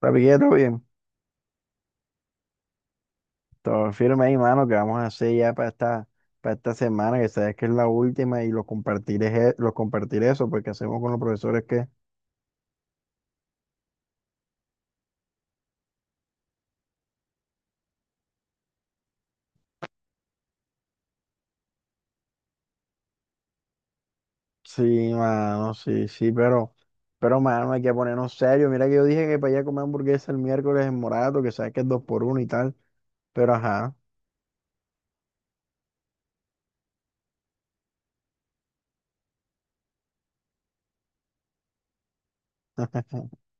Papi, ¿qué? Todo bien. Todo firme ahí, mano, que vamos a hacer ya para esta semana, que sabes que es la última, y lo compartiré eso, porque hacemos con los profesores que. Sí, mano, sí, sí, pero, mano, hay que ponernos serios. Mira que yo dije que para allá comer hamburguesa el miércoles en Morato, que sabes que es dos por uno y tal, pero ajá.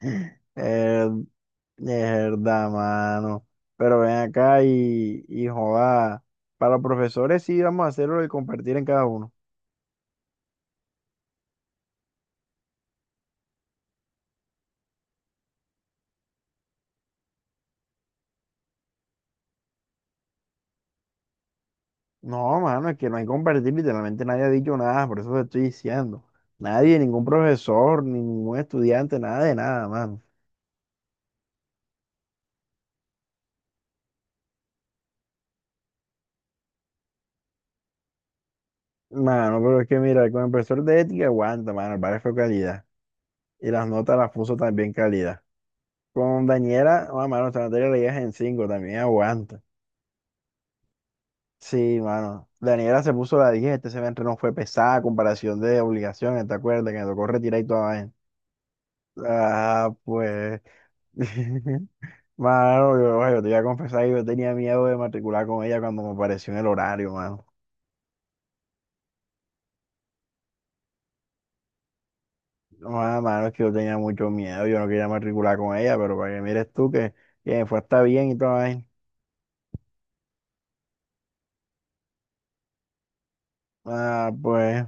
Eh, es verdad, mano. Pero ven acá y joda. Para los profesores sí vamos a hacerlo y compartir en cada uno. No, mano, es que no hay que compartir, literalmente nadie ha dicho nada, por eso te estoy diciendo. Nadie, ningún profesor, ni ningún estudiante, nada de nada, mano. Mano, pero es que mira, con el profesor de ética aguanta, mano, el padre fue calidad. Y las notas las puso también calidad. Con Daniela, ah, mano, esta materia la llevas en 5 también aguanta. Sí, mano. Daniela se puso la 10, este semestre no fue pesada, a comparación de obligaciones, ¿te acuerdas? Que me tocó retirar y toda vaina. Ah, pues. Mano, yo te voy a confesar que yo tenía miedo de matricular con ella cuando me apareció en el horario, mano. No, mano, es que yo tenía mucho miedo, yo no quería matricular con ella, pero para que mires tú que me fue hasta bien y todo ahí. Ah, pues,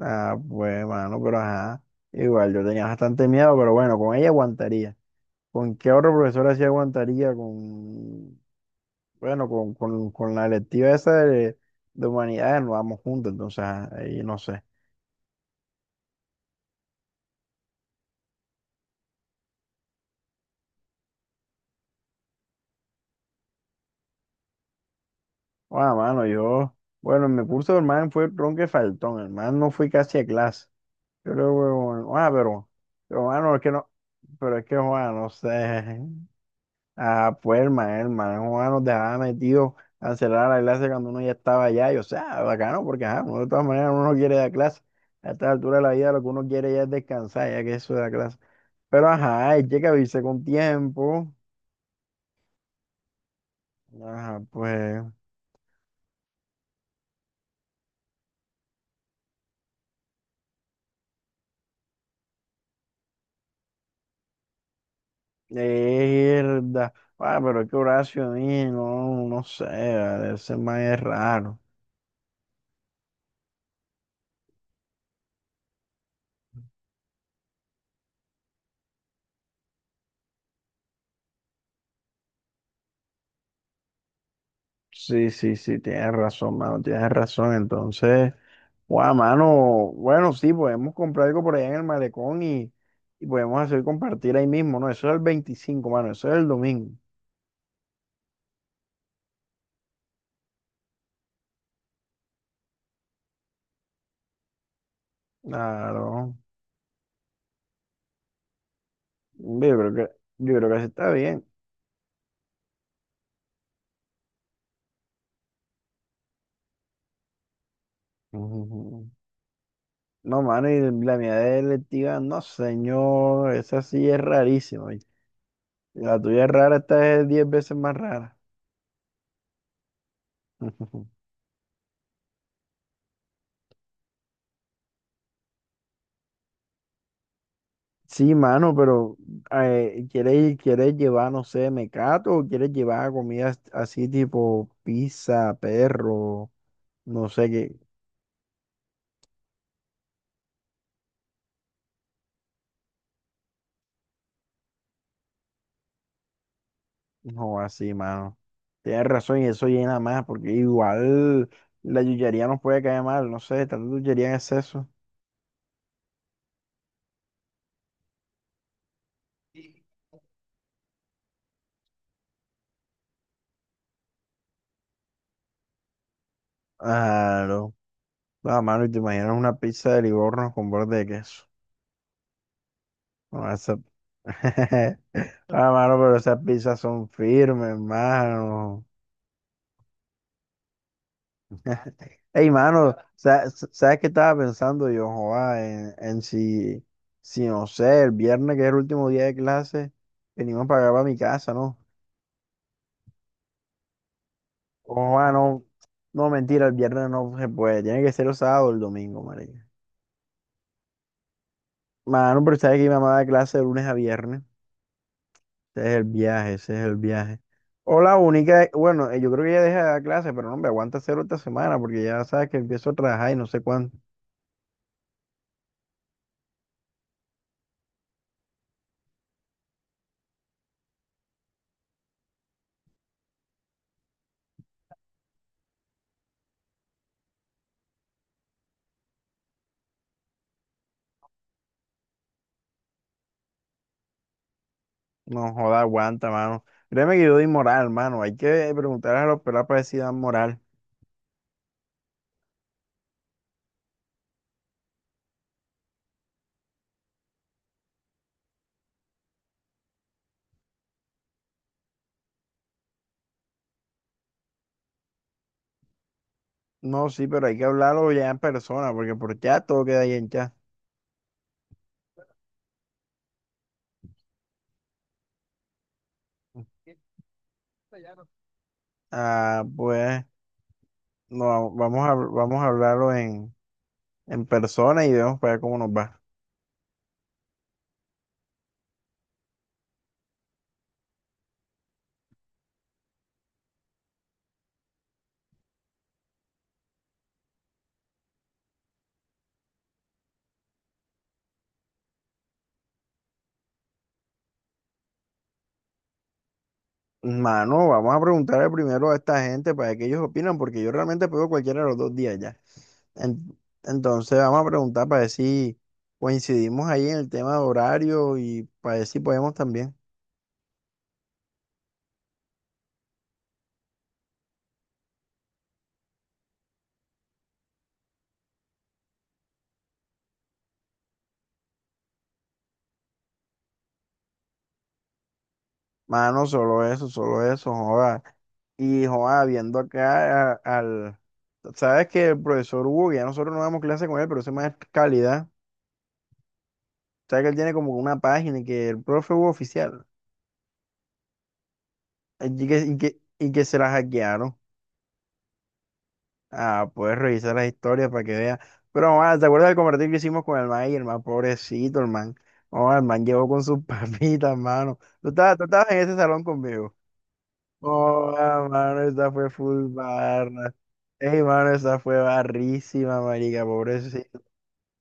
ah, pues, mano, pero ajá. Igual, yo tenía bastante miedo, pero bueno, con ella aguantaría. ¿Con qué otro profesor así aguantaría? Bueno, con la electiva esa de humanidades nos vamos juntos, entonces, ajá, ahí no sé. Ah, mano, bueno, en mi curso, hermano, fue ronque faltón, hermano, no fui casi a clase. Yo le digo, "Bueno, pero, hermano, es que no, pero es que, Juan, no sé". Ah, pues, hermano, Juan nos dejaba metido a cerrar la clase cuando uno ya estaba allá, y o sea, bacano, porque, ajá, uno de todas maneras uno no quiere dar clase. A esta altura de la vida lo que uno quiere ya es descansar, ya que eso de la clase. Pero, ajá, hay que avisar con tiempo. Ajá, pues. Mierda. Ah, pero es que Horacio, ahí, no, no sé, vale, ese man es raro. Sí, sí, sí, tienes razón, mano, tienes razón. Entonces, guau, mano, bueno, sí, podemos comprar algo por allá en el malecón y podemos hacer compartir ahí mismo, ¿no? Eso es el 25, mano, eso es el domingo. Claro. Yo creo que, yo creo que así está bien. Ujú. No, mano, y la mía de electiva, no, señor, esa sí es rarísima. La tuya es rara, esta es 10 veces más rara. Sí, mano, pero ¿quieres llevar, no sé, mecato o quieres llevar comidas así tipo pizza, perro, no sé qué? No, así, mano. Tienes razón y eso llena más porque igual la yuyería nos puede caer mal, no sé, tanta yuyería en exceso. Claro. Ah, mano, y te imaginas una pizza de Livorno con borde de queso. No, Ah, mano, pero esas pizzas son firmes, mano. Ey, mano, ¿sabes qué estaba pensando yo, joa, En si, no sé, el viernes, que es el último día de clase, venimos para acá, para mi casa, ¿no? Joa, no, no, mentira, el viernes no se puede, tiene que ser el sábado o el domingo, marica. Mano, pero sabes que mi mamá da clase de lunes a viernes. Ese es el viaje, ese es el viaje. O la única, bueno, yo creo que ya deja de dar clases, pero no, me aguanta cero esta semana porque ya sabes que empiezo a trabajar y no sé cuánto. No joda, aguanta, mano. Créeme que yo doy moral, mano. Hay que preguntar a los pelados para ver si dan moral. No, sí, pero hay que hablarlo ya en persona porque por chat todo queda ahí en chat. Ah, pues, no, vamos a hablarlo en persona y vemos para ver cómo nos va. Mano, vamos a preguntarle primero a esta gente para que ellos opinan, porque yo realmente pego cualquiera de los dos días ya. En- Entonces vamos a preguntar para ver si coincidimos ahí en el tema de horario y para ver si podemos también. Mano, solo eso, joda. Y joda, viendo acá Sabes que el profesor Hugo, que ya nosotros no damos clase con él, pero ese más es calidad. Sabes que él tiene como una página y que el profe Hugo oficial, y que se la hackearon. Ah, puedes revisar las historias para que veas. Pero, man, ¿te acuerdas del compartir que hicimos con el man? Y el man, pobrecito, el man. Oh, el man llegó con sus papitas, mano. Tú estabas en ese salón conmigo. Oh, ah, mano, esa fue full barra. Ey, mano, esa fue barrísima, marica, pobrecito.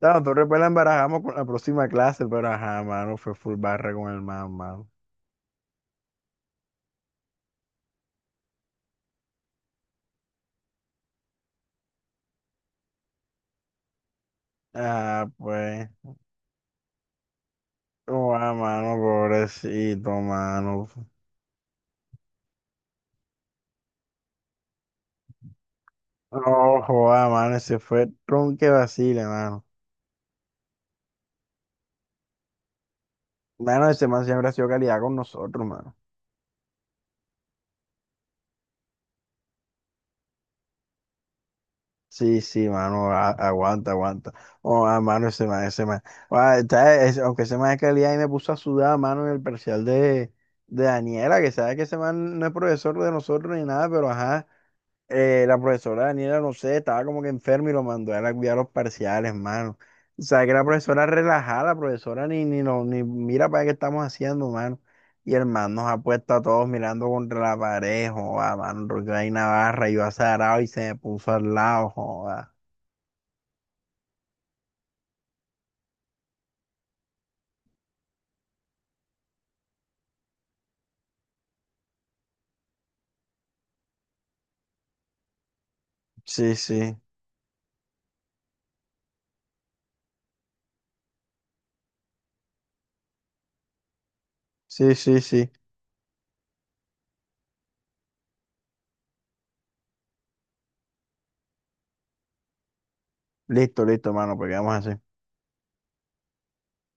No, tú después la embarajamos con la próxima clase, pero ajá, mano, fue full barra con el man, mano. Ah, pues. Oh, ah, mano, pobrecito, mano. No, joda, mano, ese fue tronque vacile, mano. Mano, ese man siempre ha sido calidad con nosotros, mano. Sí, sí, mano, aguanta, aguanta. Oh, ah, mano, ese man, ese man. Aunque ese man es calidad y me puso a sudar, mano, en el parcial de Daniela, que sabe que ese man no es profesor de nosotros ni nada, pero ajá. La profesora Daniela, no sé, estaba como que enferma y lo mandó a la cuidar los parciales, mano. O sea, que la profesora relajada, la profesora ni mira para qué estamos haciendo, mano. Y el man nos ha puesto a todos mirando contra la pared, joda, mano, porque hay Navarra, yo azarado y se me puso al lado, joda. Sí, sí, sí, sí, sí. Listo, listo, mano, porque vamos así.